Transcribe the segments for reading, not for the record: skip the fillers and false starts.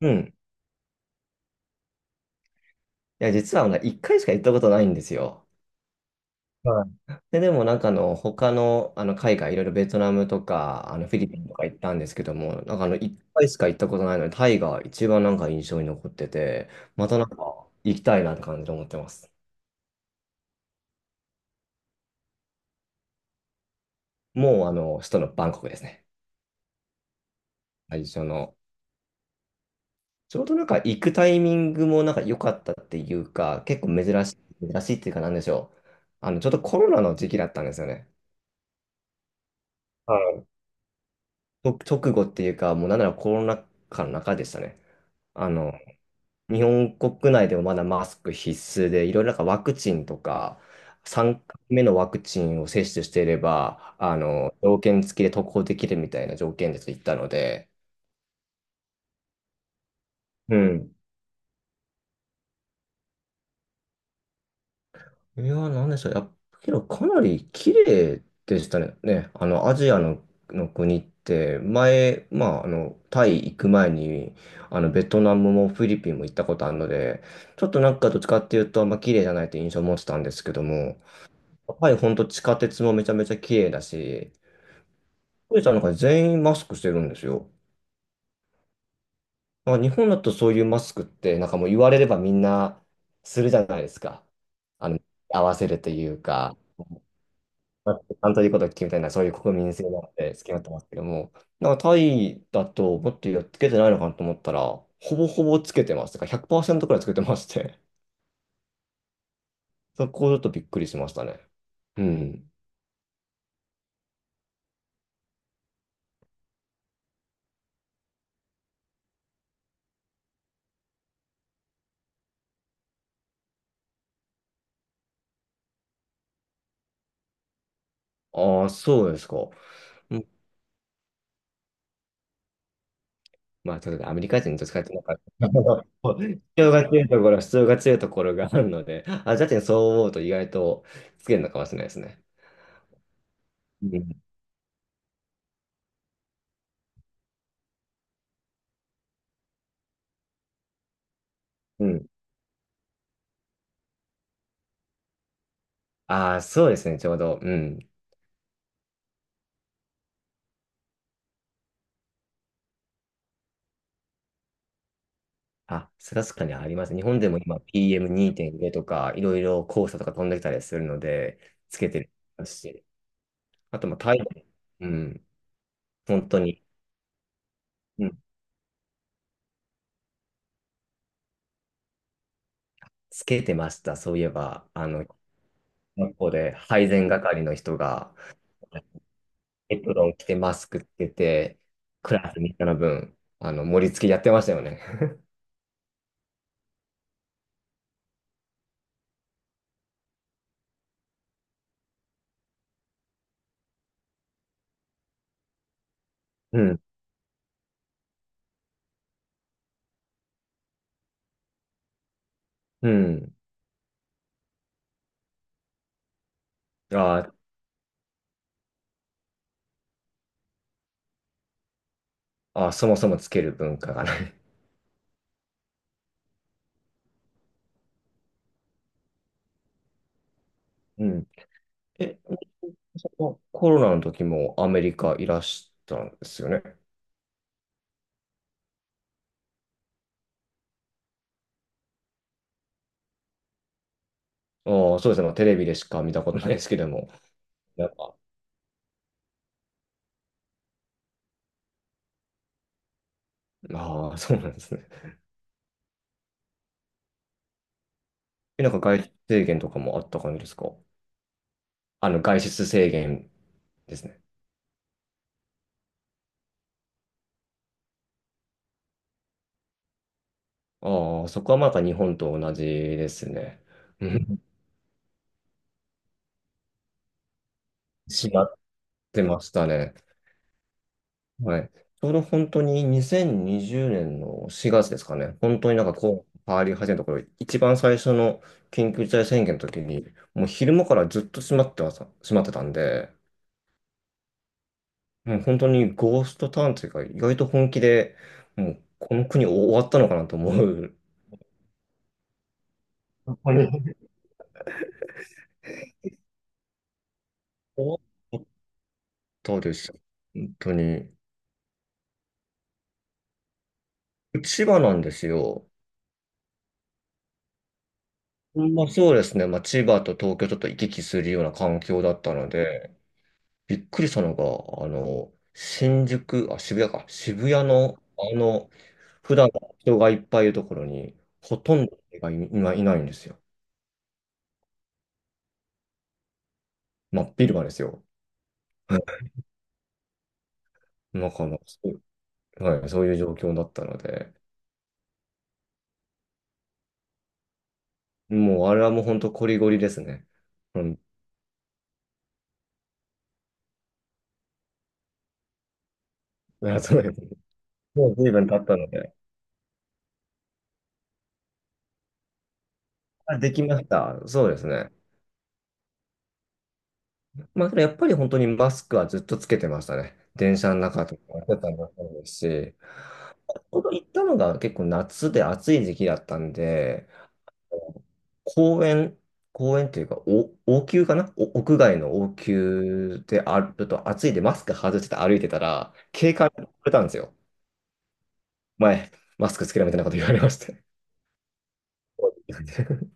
うん。いや、実は一回しか行ったことないんですよ。はい。で、でもなんか他の、海外、いろいろベトナムとかフィリピンとか行ったんですけども、なんか一回しか行ったことないので、タイが一番なんか印象に残ってて、またなんか行きたいなって感じで思ってます。もう首都のバンコクですね。最初の。ちょうどなんか行くタイミングもなんか良かったっていうか、結構珍しいっていうかなんでしょう。ちょっとコロナの時期だったんですよね。と、直後っていうか、もうなんならコロナ禍の中でしたね。あの、日本国内でもまだマスク必須で、いろいろなんかワクチンとか、3回目のワクチンを接種していれば、条件付きで渡航できるみたいな条件でと言ったので、うん。いやー、なんでしょう。やっぱけど、かなり綺麗でしたね。ね、アジアの、国って、前、まあ、タイ行く前に、ベトナムもフィリピンも行ったことあるので、ちょっとなんかどっちかっていうと、あんま綺麗じゃないって印象を持ってたんですけども、やっぱり本当地下鉄もめちゃめちゃ綺麗だし、富士山なんか全員マスクしてるんですよ。まあ、日本だとそういうマスクって、なんかもう言われればみんなするじゃないですか。あの、合わせるというか。まあ担当でいうことを決みたいな、そういう国民性なので、好きになってますけども、なんかタイだと、もっとやっつけてないのかなと思ったら、ほぼほぼつけてます。だから100%くパーセントくらいつけてまして、そこちょっとびっくりしましたね。うん。ああ、そうですか。うん、まあ、ちょっとアメリカ人と使ってなんか、必要が強いところがあるので、あ、ジャッジにそう思うと意外とつけるのかもしれないですね。うん。うん。ああ、そうですね、ちょうど。うん。あ、それは確かにあります。日本でも今 PM2.0 とか、いろいろ黄砂とか飛んできたりするので、つけてるし、あとまあ台湾、うん、本当に、うん、つけてました。そういえば、学校で配膳係の人が、エプロン着てマスクつけて、クラスみんなの分、盛り付けやってましたよね。うん、うん。あーあ、ー、そもそもつける文化がない。うん。え、そのコロナの時もアメリカいらしたんですよね。ああ、そうですね。まあ、テレビでしか見たことないですけども。なんか、ああ、そうなんですね。え、なんか外出制限とかもあった感じですか？外出制限ですね。ああ、そこはまた日本と同じですね。うん、閉まってましたね。はい。ちょうど本当に2020年の4月ですかね。本当になんかこう、変わり始めた頃、一番最初の緊急事態宣言の時に、もう昼間からずっと閉まっては閉まってたんで、もう本当にゴーストタウンというか、意外と本気で、もうこの国終わったのかなと思う。本当に終わったです。本当に。千葉なんですよ。まあ、そうですね。まあ、千葉と東京ちょっと行き来するような環境だったので、びっくりしたのが、新宿、あ、渋谷か、渋谷の、普段は人がいっぱいいるところに、ほとんど人がい、今いないんですよ。真っ昼間ですよ。なんかそう、はい、そういう状況だったので、もうあれはもう本当こりごりですね。うん、いやそうです、もう随分経ったので。あ、できました。そうですね。まあ、けどやっぱり本当にマスクはずっとつけてましたね。電車の中とかやってたのもそうですし、ほど行ったのが結構夏で暑い時期だったんで、公園、公園というか、お、王宮かな、お屋外の王宮であると暑いんでマスク外して歩いてたら、警官に言われたんですよ。前、マスクつけろみたいなこと言われまして。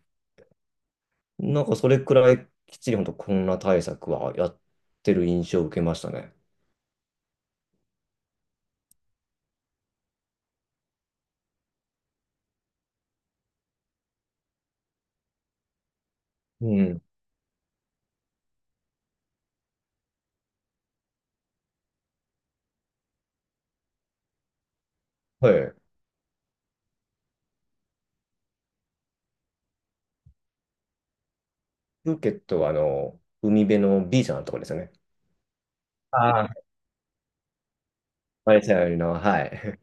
なんかそれくらいきっちり本当コロナ対策はやってる印象を受けましたね。うん。はい。プーケットは海辺のビーチのところですよね。ああ。マレーシアよりの、はい。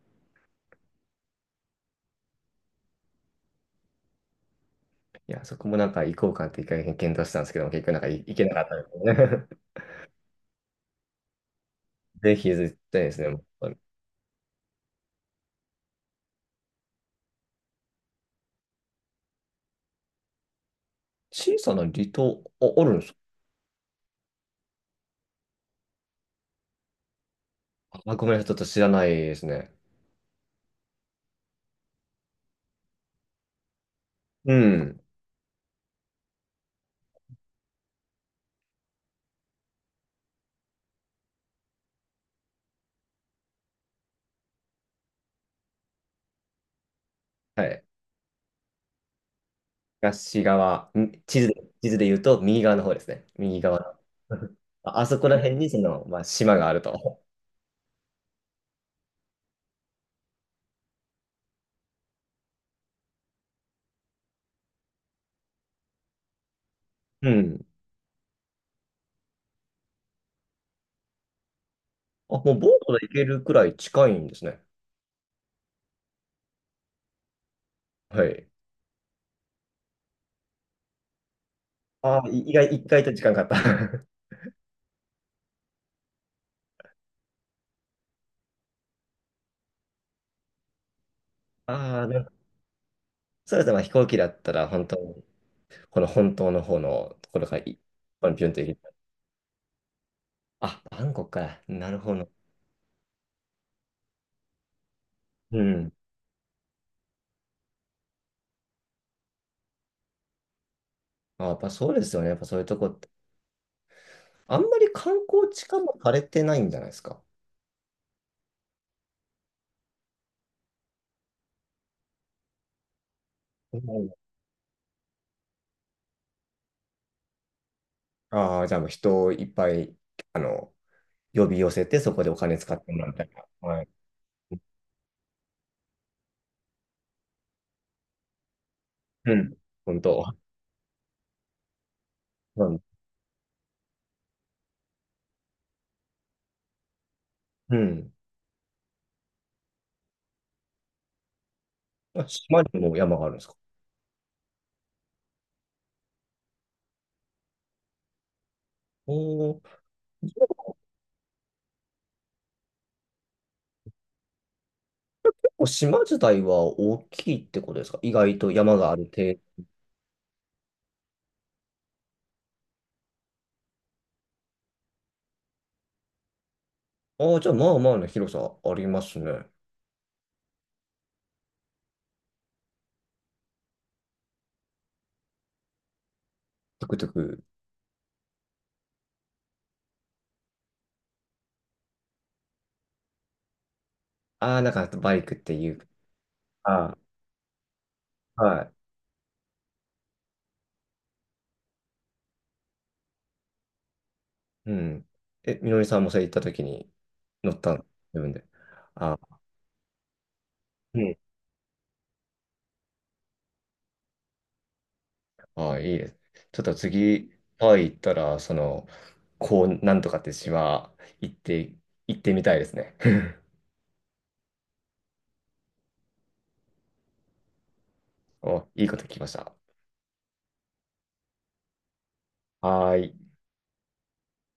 いや、そこもなんか行こうかって一回検討したんですけども、結局なんか行けなかったので、ぜひ絶対ですね。小さな離島、あ、あるんですか？あ、ごめんなさい、ちょっと知らないですね。うん。はい。東側、ん、地図で言うと右側の方ですね。右側の。ああ、そこら辺にその、まあ、島があると。うん。あ、もうボートで行けるくらい近いんですね。はい。ああ、い意外、意外と時間かかった。ああ、なんかそうですね。まあ、飛行機だったら本当にこの本当の方のところがい、このピュンと入れた、あ、バンコクか。なるほど。うん。あ、やっぱそうですよね。やっぱそういうとこって。あんまり観光地化もされてないんじゃないですか。ああー、じゃあもう人をいっぱいあの呼び寄せて、そこでお金使ってもらうみたいな。はい。うん。本当。うん。うん、あ、島にも山があるんですか？おおー。じゃあ結構島自体は大きいってことですか？意外と山がある程度。ああ、じゃあまあまあの広さありますね。トゥクトゥク、ああ、なんかバイクっていう、ああ、はい。うん。え、みのりさんもそれ行った時に乗ったの、自分で。ああ、うん。ああ、いいです。ちょっと次、タイ行ったら、その、こう、なんとかって島、行って、行ってみたいですね。お、いいこと聞きました。はーい。